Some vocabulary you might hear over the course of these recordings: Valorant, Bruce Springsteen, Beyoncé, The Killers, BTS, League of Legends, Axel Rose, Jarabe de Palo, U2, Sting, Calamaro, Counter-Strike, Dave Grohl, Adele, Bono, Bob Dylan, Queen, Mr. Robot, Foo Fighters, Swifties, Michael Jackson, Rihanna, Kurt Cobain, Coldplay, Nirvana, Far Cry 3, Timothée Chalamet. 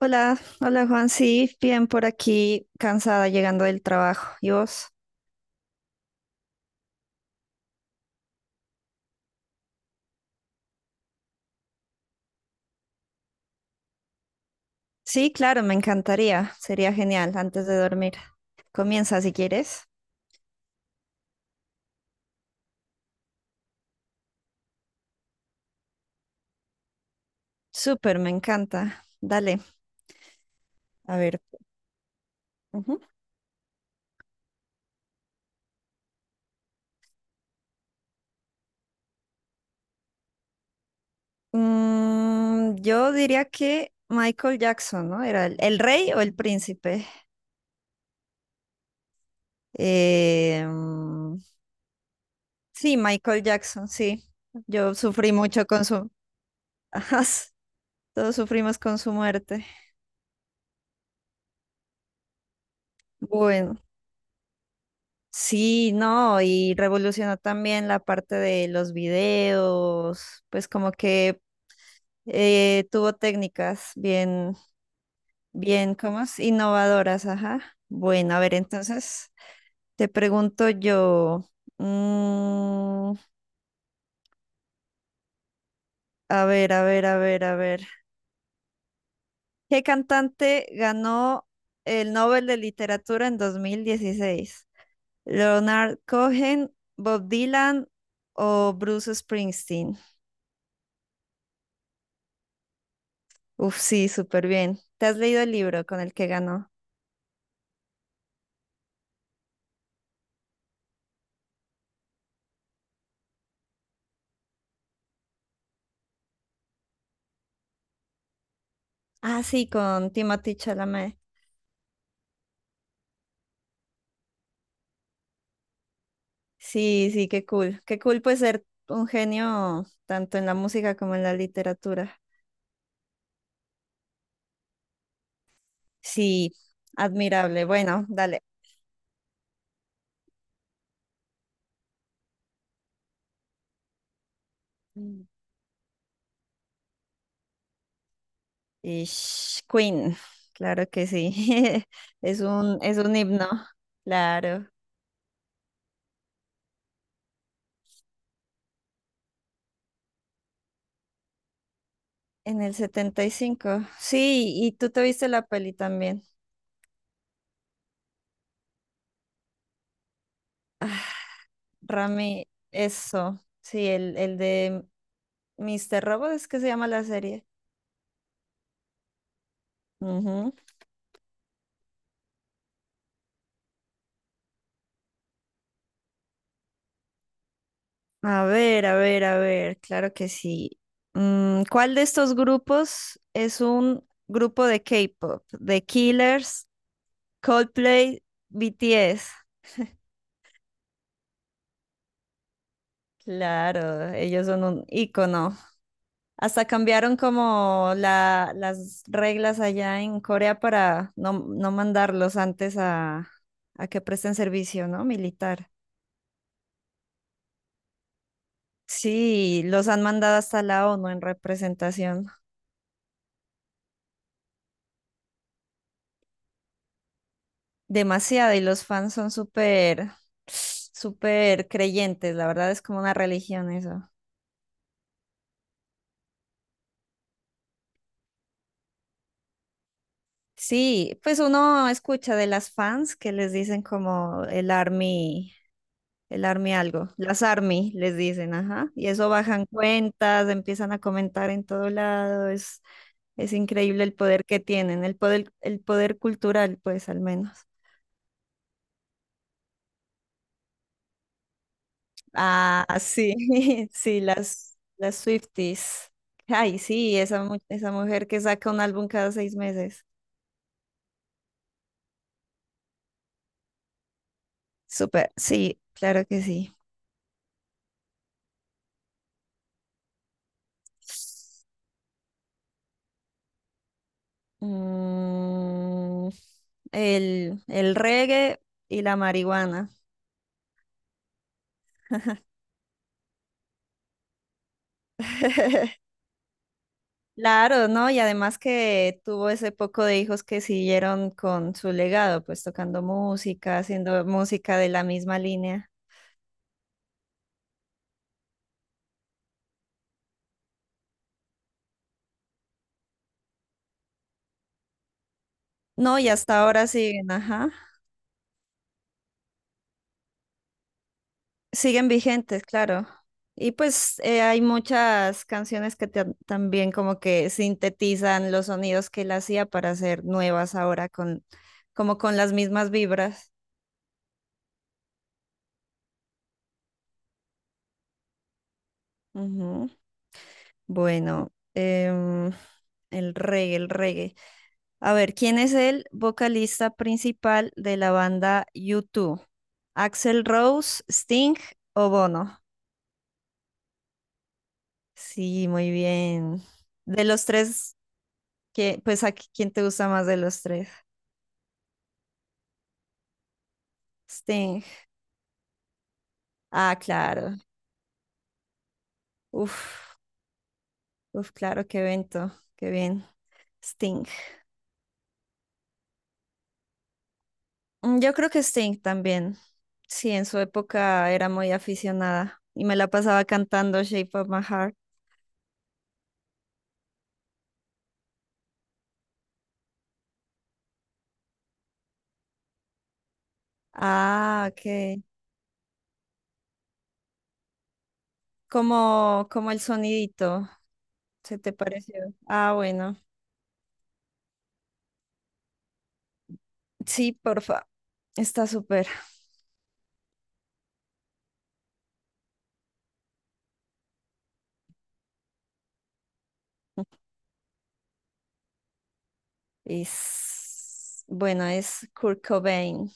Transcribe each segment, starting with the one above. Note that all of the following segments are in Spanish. Hola, hola Juan, sí, bien por aquí, cansada llegando del trabajo. ¿Y vos? Sí, claro, me encantaría, sería genial antes de dormir. Comienza si quieres. Súper, me encanta. Dale, a ver. Ujú. Mm, yo diría que Michael Jackson, ¿no? ¿Era el rey o el príncipe? Mm, sí, Michael Jackson, sí. Yo sufrí mucho con su. Ajá, todos sufrimos con su muerte. Bueno. Sí, no, y revolucionó también la parte de los videos, pues como que tuvo técnicas bien, bien, ¿cómo es? Innovadoras, ajá. Bueno, a ver, entonces te pregunto yo, mm, a ver, a ver, a ver, a ver, ¿qué cantante ganó el Nobel de Literatura en 2016? ¿Leonard Cohen, Bob Dylan o Bruce Springsteen? Uf, sí, súper bien. ¿Te has leído el libro con el que ganó? Ah, sí, con Timothée Chalamet. Sí, sí, qué cool. Qué cool pues ser un genio tanto en la música como en la literatura. Sí, admirable. Bueno, dale. Mm. Ish, Queen, claro que sí. Es un himno, claro. En el 75. Sí, y tú te viste la peli también. Rami, eso, sí, el de Mr. Robot es que se llama la serie. Ujú. A ver, a ver, a ver, claro que sí. Mm, ¿cuál de estos grupos es un grupo de K-pop? ¿The Killers, Coldplay, BTS? Claro, ellos son un ícono. Hasta cambiaron como las reglas allá en Corea para no, no mandarlos antes a que presten servicio, ¿no? Militar. Sí, los han mandado hasta la ONU en representación. Demasiado, y los fans son súper, súper creyentes, la verdad es como una religión eso. Sí, pues uno escucha de las fans que les dicen como el army algo, las army les dicen, ajá, y eso bajan cuentas, empiezan a comentar en todo lado, es increíble el poder que tienen, el poder cultural, pues al menos. Ah, sí, sí, las Swifties. Ay, sí, esa mujer que saca un álbum cada 6 meses. Súper, sí, claro que sí. Mm, el reggae y la marihuana. Claro, ¿no? Y además que tuvo ese poco de hijos que siguieron con su legado, pues tocando música, haciendo música de la misma línea. No, y hasta ahora siguen, ajá. Siguen vigentes, claro. Y pues hay muchas canciones que también como que sintetizan los sonidos que él hacía para hacer nuevas ahora con como con las mismas vibras. Ujú. Bueno, el reggae, el reggae. A ver, ¿quién es el vocalista principal de la banda U2? ¿Axel Rose, Sting o Bono? Sí, muy bien. De los tres, ¿ pues quién te gusta más de los tres? Sting. Ah, claro. Uf, uf, claro, qué evento. Qué bien. Sting. Mm, yo creo que Sting también. Sí, en su época era muy aficionada y me la pasaba cantando Shape of My Heart. Ah, ok. Como el sonidito. ¿Se te pareció? Ah, bueno. Sí, porfa. Está súper. Bueno, es Kurt Cobain.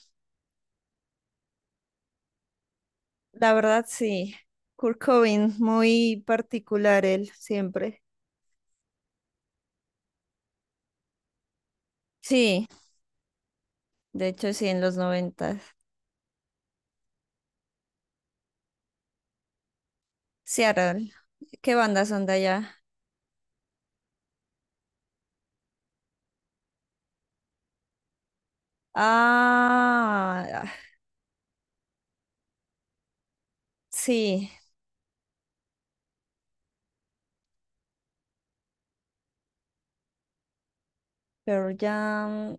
La verdad, sí. Kurt Cobain, muy particular él, siempre. Sí, de hecho, sí, en los noventas Seattle. ¿Qué bandas son de allá? Ah, ah, sí, pero ya.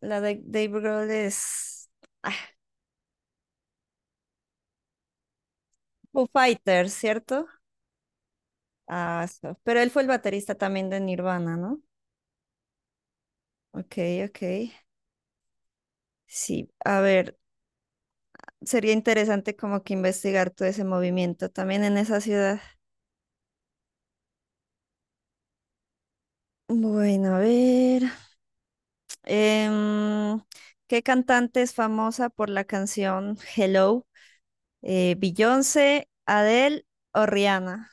La de Dave Grohl es ah, Foo Fighters, ¿cierto? Ah, pero él fue el baterista también de Nirvana, ¿no? Ok, ok. Sí, a ver, sería interesante como que investigar todo ese movimiento también en esa ciudad. Bueno, a ver. em, ¿Qué cantante es famosa por la canción Hello? ¿Beyoncé, Adele o Rihanna?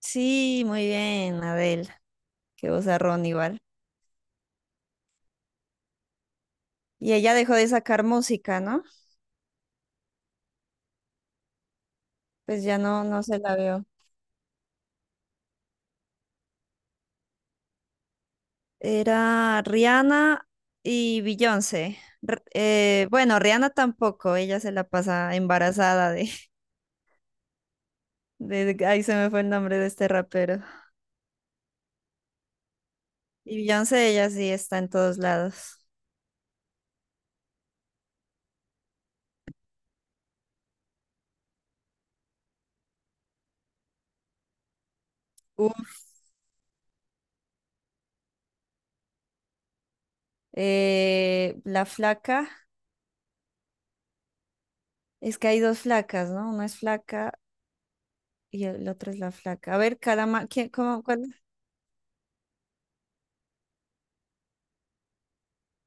Sí, muy bien, Adele, que vozarrón igual. Y ella dejó de sacar música, ¿no? Pues ya no, no se la veo. Era Rihanna y Beyoncé. Bueno, Rihanna tampoco, ella se la pasa embarazada de, Ahí se me fue el nombre de este rapero. Y Beyoncé, ella sí está en todos lados. Uf, la flaca, es que hay dos flacas, ¿no? Una es flaca y el otro es la flaca. A ver, caramba, ¿quién, cómo, cuál?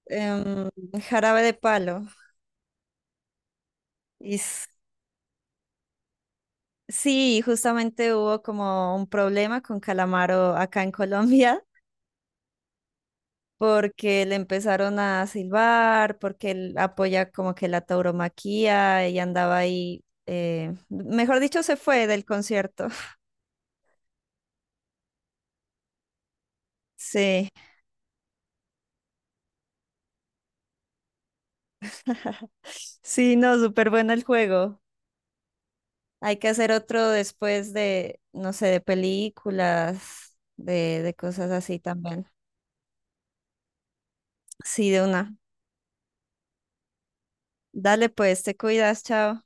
Em, Jarabe de Palo. Y sí, justamente hubo como un problema con Calamaro acá en Colombia. Porque le empezaron a silbar, porque él apoya como que la tauromaquia y andaba ahí, mejor dicho, se fue del concierto. Sí, sí, no, súper bueno el juego. Hay que hacer otro después de, no sé, de películas, de cosas así también. Sí, de una. Dale pues, te cuidas, chao.